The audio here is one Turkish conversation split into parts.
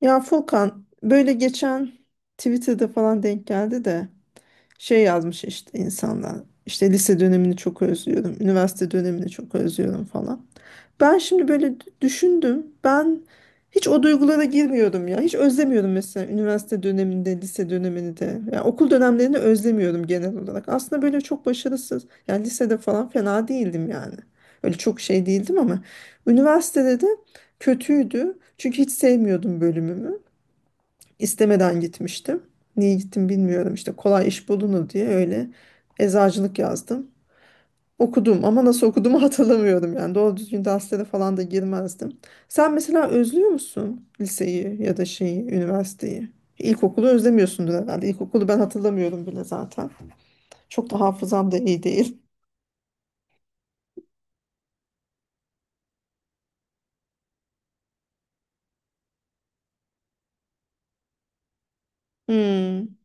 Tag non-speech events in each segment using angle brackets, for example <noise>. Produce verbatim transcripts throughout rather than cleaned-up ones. Ya Furkan böyle geçen Twitter'da falan denk geldi de şey yazmış işte insanlar. İşte lise dönemini çok özlüyorum, üniversite dönemini çok özlüyorum falan. Ben şimdi böyle d- düşündüm. Ben hiç o duygulara girmiyordum ya. Hiç özlemiyordum mesela üniversite döneminde, lise dönemini de. Yani okul dönemlerini özlemiyordum genel olarak. Aslında böyle çok başarısız. Yani lisede falan fena değildim yani. Öyle çok şey değildim ama üniversitede de kötüydü. Çünkü hiç sevmiyordum bölümümü. İstemeden gitmiştim. Niye gittim bilmiyorum işte kolay iş bulunur diye öyle eczacılık yazdım. Okudum ama nasıl okuduğumu <laughs> hatırlamıyorum yani doğru düzgün derslere falan da girmezdim. Sen mesela özlüyor musun liseyi ya da şeyi, üniversiteyi? İlkokulu özlemiyorsundur herhalde. İlkokulu ben hatırlamıyorum bile zaten. Çok da hafızam da iyi değil. <laughs> Hmm.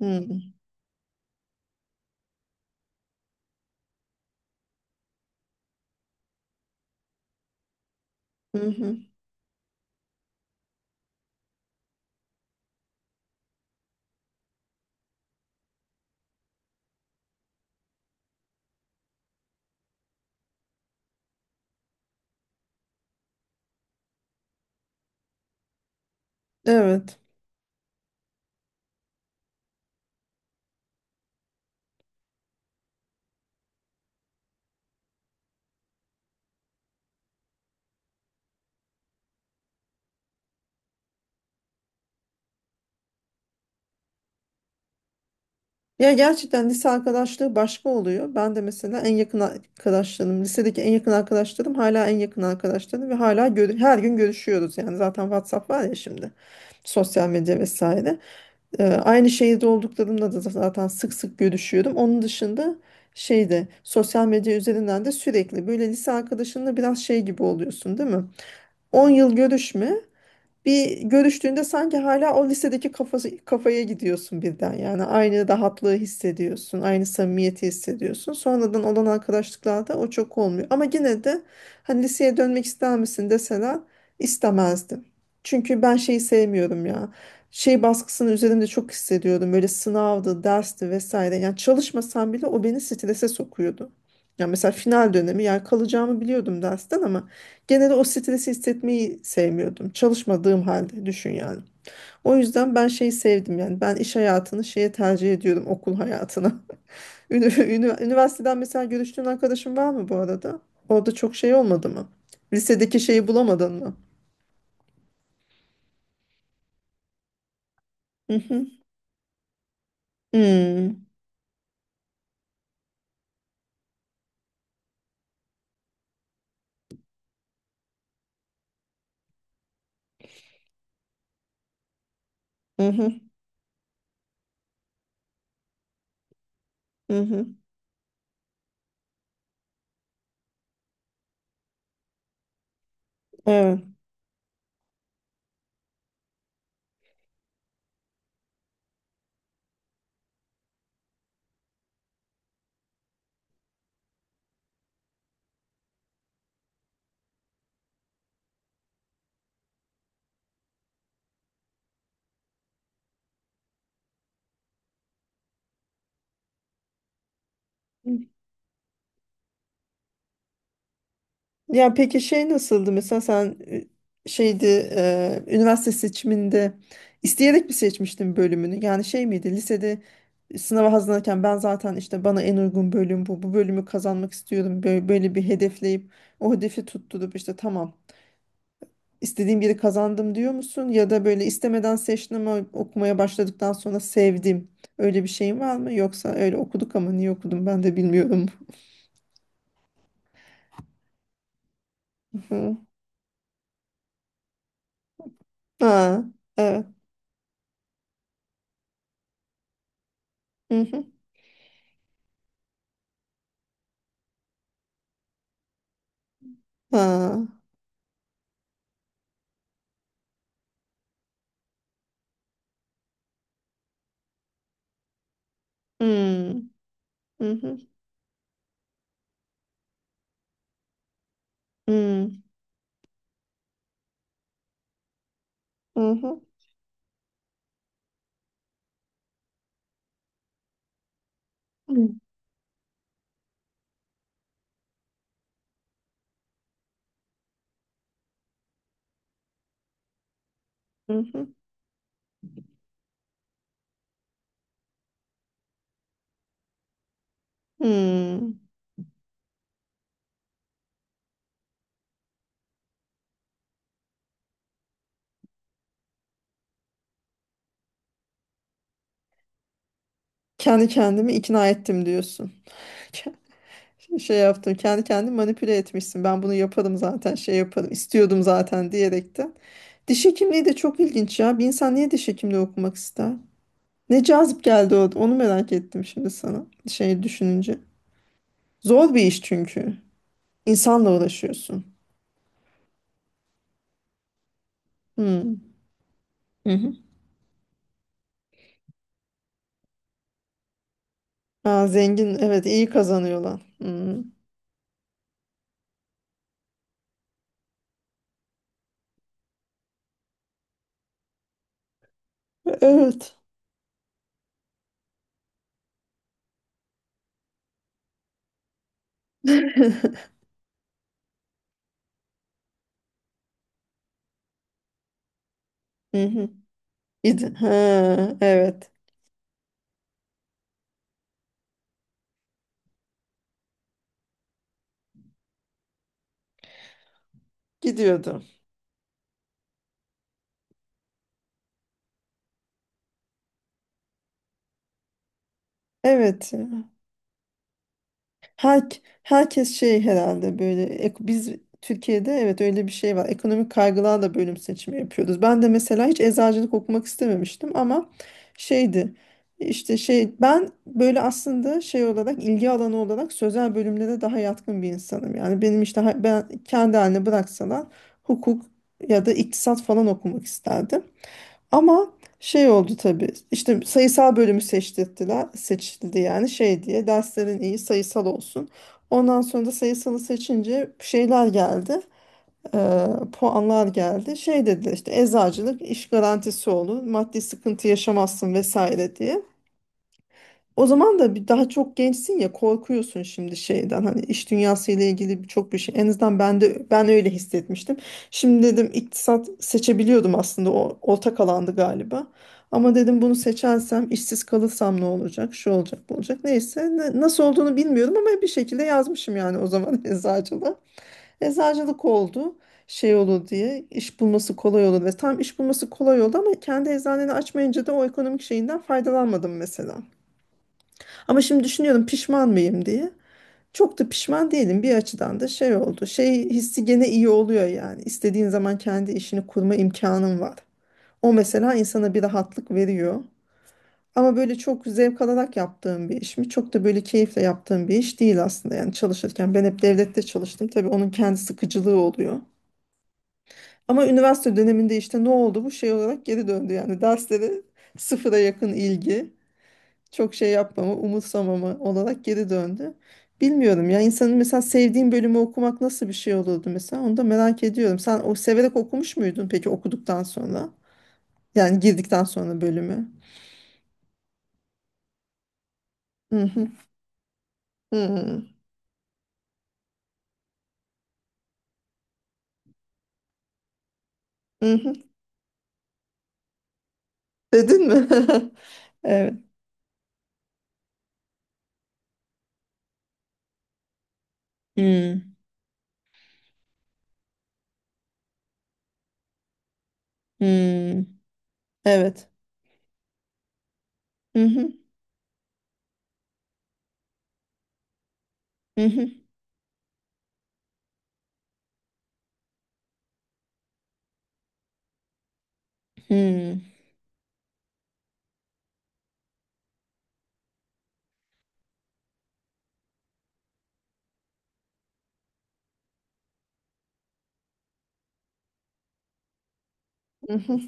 Hmm. Hı hı. Evet. Ya gerçekten lise arkadaşlığı başka oluyor. Ben de mesela en yakın arkadaşlarım, lisedeki en yakın arkadaşlarım hala en yakın arkadaşlarım ve hala gör- her gün görüşüyoruz. Yani zaten WhatsApp var ya şimdi. Sosyal medya vesaire. Ee, aynı şehirde olduklarımla da zaten sık sık görüşüyorum. Onun dışında şeyde sosyal medya üzerinden de sürekli böyle lise arkadaşınla biraz şey gibi oluyorsun, değil mi? On yıl görüşme bir görüştüğünde sanki hala o lisedeki kafası, kafaya gidiyorsun birden yani aynı rahatlığı hissediyorsun aynı samimiyeti hissediyorsun sonradan olan arkadaşlıklarda o çok olmuyor ama yine de hani liseye dönmek ister misin deseler istemezdim çünkü ben şeyi sevmiyorum ya şey baskısını üzerimde çok hissediyordum böyle sınavdı dersti vesaire yani çalışmasam bile o beni strese sokuyordu. Ya mesela final dönemi yani kalacağımı biliyordum dersten ama genelde o stresi hissetmeyi sevmiyordum. Çalışmadığım halde düşün yani. O yüzden ben şeyi sevdim yani ben iş hayatını şeye tercih ediyorum okul hayatına. <laughs> Ünü- ünü- Üniversiteden mesela görüştüğün arkadaşın var mı bu arada? Orada çok şey olmadı mı? Lisedeki şeyi bulamadın mı? Hı hı. Hmm. Hı hı. Hı hı. Evet. Ya peki şey nasıldı mesela sen e, şeydi, e, üniversite seçiminde isteyerek mi seçmiştin bölümünü? Yani şey miydi lisede sınava hazırlanırken ben zaten işte bana en uygun bölüm bu bu bölümü kazanmak istiyorum böyle, böyle bir hedefleyip o hedefi tutturup işte tamam istediğim yeri kazandım diyor musun? Ya da böyle istemeden seçtim ama okumaya başladıktan sonra sevdim öyle bir şeyin var mı? Yoksa öyle okuduk ama niye okudum ben de bilmiyorum. <laughs> Hı. Ha, evet. Hı hı. Ha. Hmm. Hı hı. Hmm. Hı hı. Hı hı. Hmm. Kendi kendimi ikna ettim diyorsun. <laughs> Ke- Şey yaptım. Kendi kendimi manipüle etmişsin. Ben bunu yaparım zaten. Şey yaparım, istiyordum zaten diyerekten. Diş hekimliği de çok ilginç ya. Bir insan niye diş hekimliği okumak ister? Ne cazip geldi o. Onu merak ettim şimdi sana. Şey düşününce. Zor bir iş çünkü. İnsanla uğraşıyorsun. Hmm. Hı hı. Ha, zengin, evet iyi kazanıyorlar. Hmm. Evet. <laughs> Hı hı. Gidi- Ha, evet. Gidiyordu. Evet, ya. Her, herkes şey herhalde böyle ek- biz Türkiye'de evet öyle bir şey var. Ekonomik kaygılarla bölüm seçimi yapıyoruz. Ben de mesela hiç eczacılık okumak istememiştim ama şeydi işte şey ben böyle aslında şey olarak ilgi alanı olarak sözel bölümlere daha yatkın bir insanım. Yani benim işte ha- ben kendi haline bıraksalar hukuk ya da iktisat falan okumak isterdim. Ama şey oldu tabii. İşte sayısal bölümü seçtirdiler. Seçildi yani şey diye. Derslerin iyi sayısal olsun. Ondan sonra da sayısalı seçince şeyler geldi. eee, Puanlar geldi. Şey dediler işte eczacılık iş garantisi olur. Maddi sıkıntı yaşamazsın vesaire diye. O zaman da bir daha çok gençsin ya korkuyorsun şimdi şeyden hani iş dünyası ile ilgili birçok bir şey. En azından ben de ben öyle hissetmiştim. Şimdi dedim iktisat seçebiliyordum aslında o ortak alandı galiba. Ama dedim bunu seçersem işsiz kalırsam ne olacak? Şu olacak, bu olacak. Neyse ne- nasıl olduğunu bilmiyorum ama bir şekilde yazmışım yani o zaman <laughs> eczacılık. Eczacılık oldu şey olur diye iş bulması kolay olur ve tam iş bulması kolay oldu ama kendi eczaneni açmayınca da o ekonomik şeyinden faydalanmadım mesela. Ama şimdi düşünüyorum pişman mıyım diye. Çok da pişman değilim bir açıdan da şey oldu. Şey hissi gene iyi oluyor yani. İstediğin zaman kendi işini kurma imkanın var. O mesela insana bir rahatlık veriyor. Ama böyle çok zevk alarak yaptığım bir iş mi? Çok da böyle keyifle yaptığım bir iş değil aslında yani çalışırken. Ben hep devlette çalıştım. Tabii onun kendi sıkıcılığı oluyor. Ama üniversite döneminde işte ne oldu bu şey olarak geri döndü yani derslere sıfıra yakın ilgi, çok şey yapmama, umutsamama olarak geri döndü. Bilmiyorum ya insanın mesela sevdiğin bölümü okumak nasıl bir şey olurdu mesela onu da merak ediyorum. Sen o severek okumuş muydun peki okuduktan sonra? Yani girdikten sonra bölümü. Hı hı. Hı hı. Dedin mi? <laughs> Evet. Hı hı. Evet. Hı hı. Hı hı. Hı hı. Hı.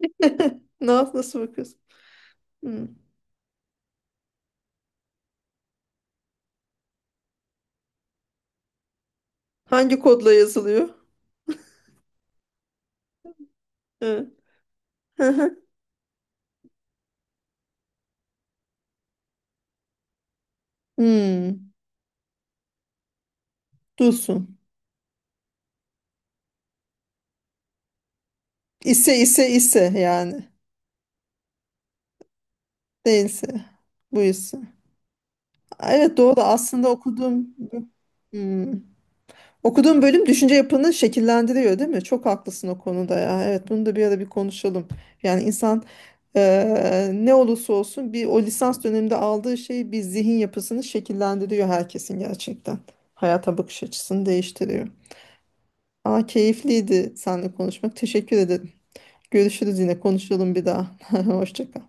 <laughs> Nasıl, nasıl bakıyorsun? Hı. Hangi kodla yazılıyor? Hı hı. Hı. Hı. Dursun. İse, ise, ise yani değilse, buysa. Evet doğru aslında okuduğum, hmm, okuduğum bölüm düşünce yapını şekillendiriyor değil mi? Çok haklısın o konuda ya. Evet bunu da bir ara bir konuşalım. Yani insan, eee, ne olursa olsun bir o lisans döneminde aldığı şey bir zihin yapısını şekillendiriyor herkesin gerçekten. Hayata bakış açısını değiştiriyor. Aa keyifliydi seninle konuşmak. Teşekkür ederim. Görüşürüz, yine konuşalım bir daha. <laughs> Hoşça kal.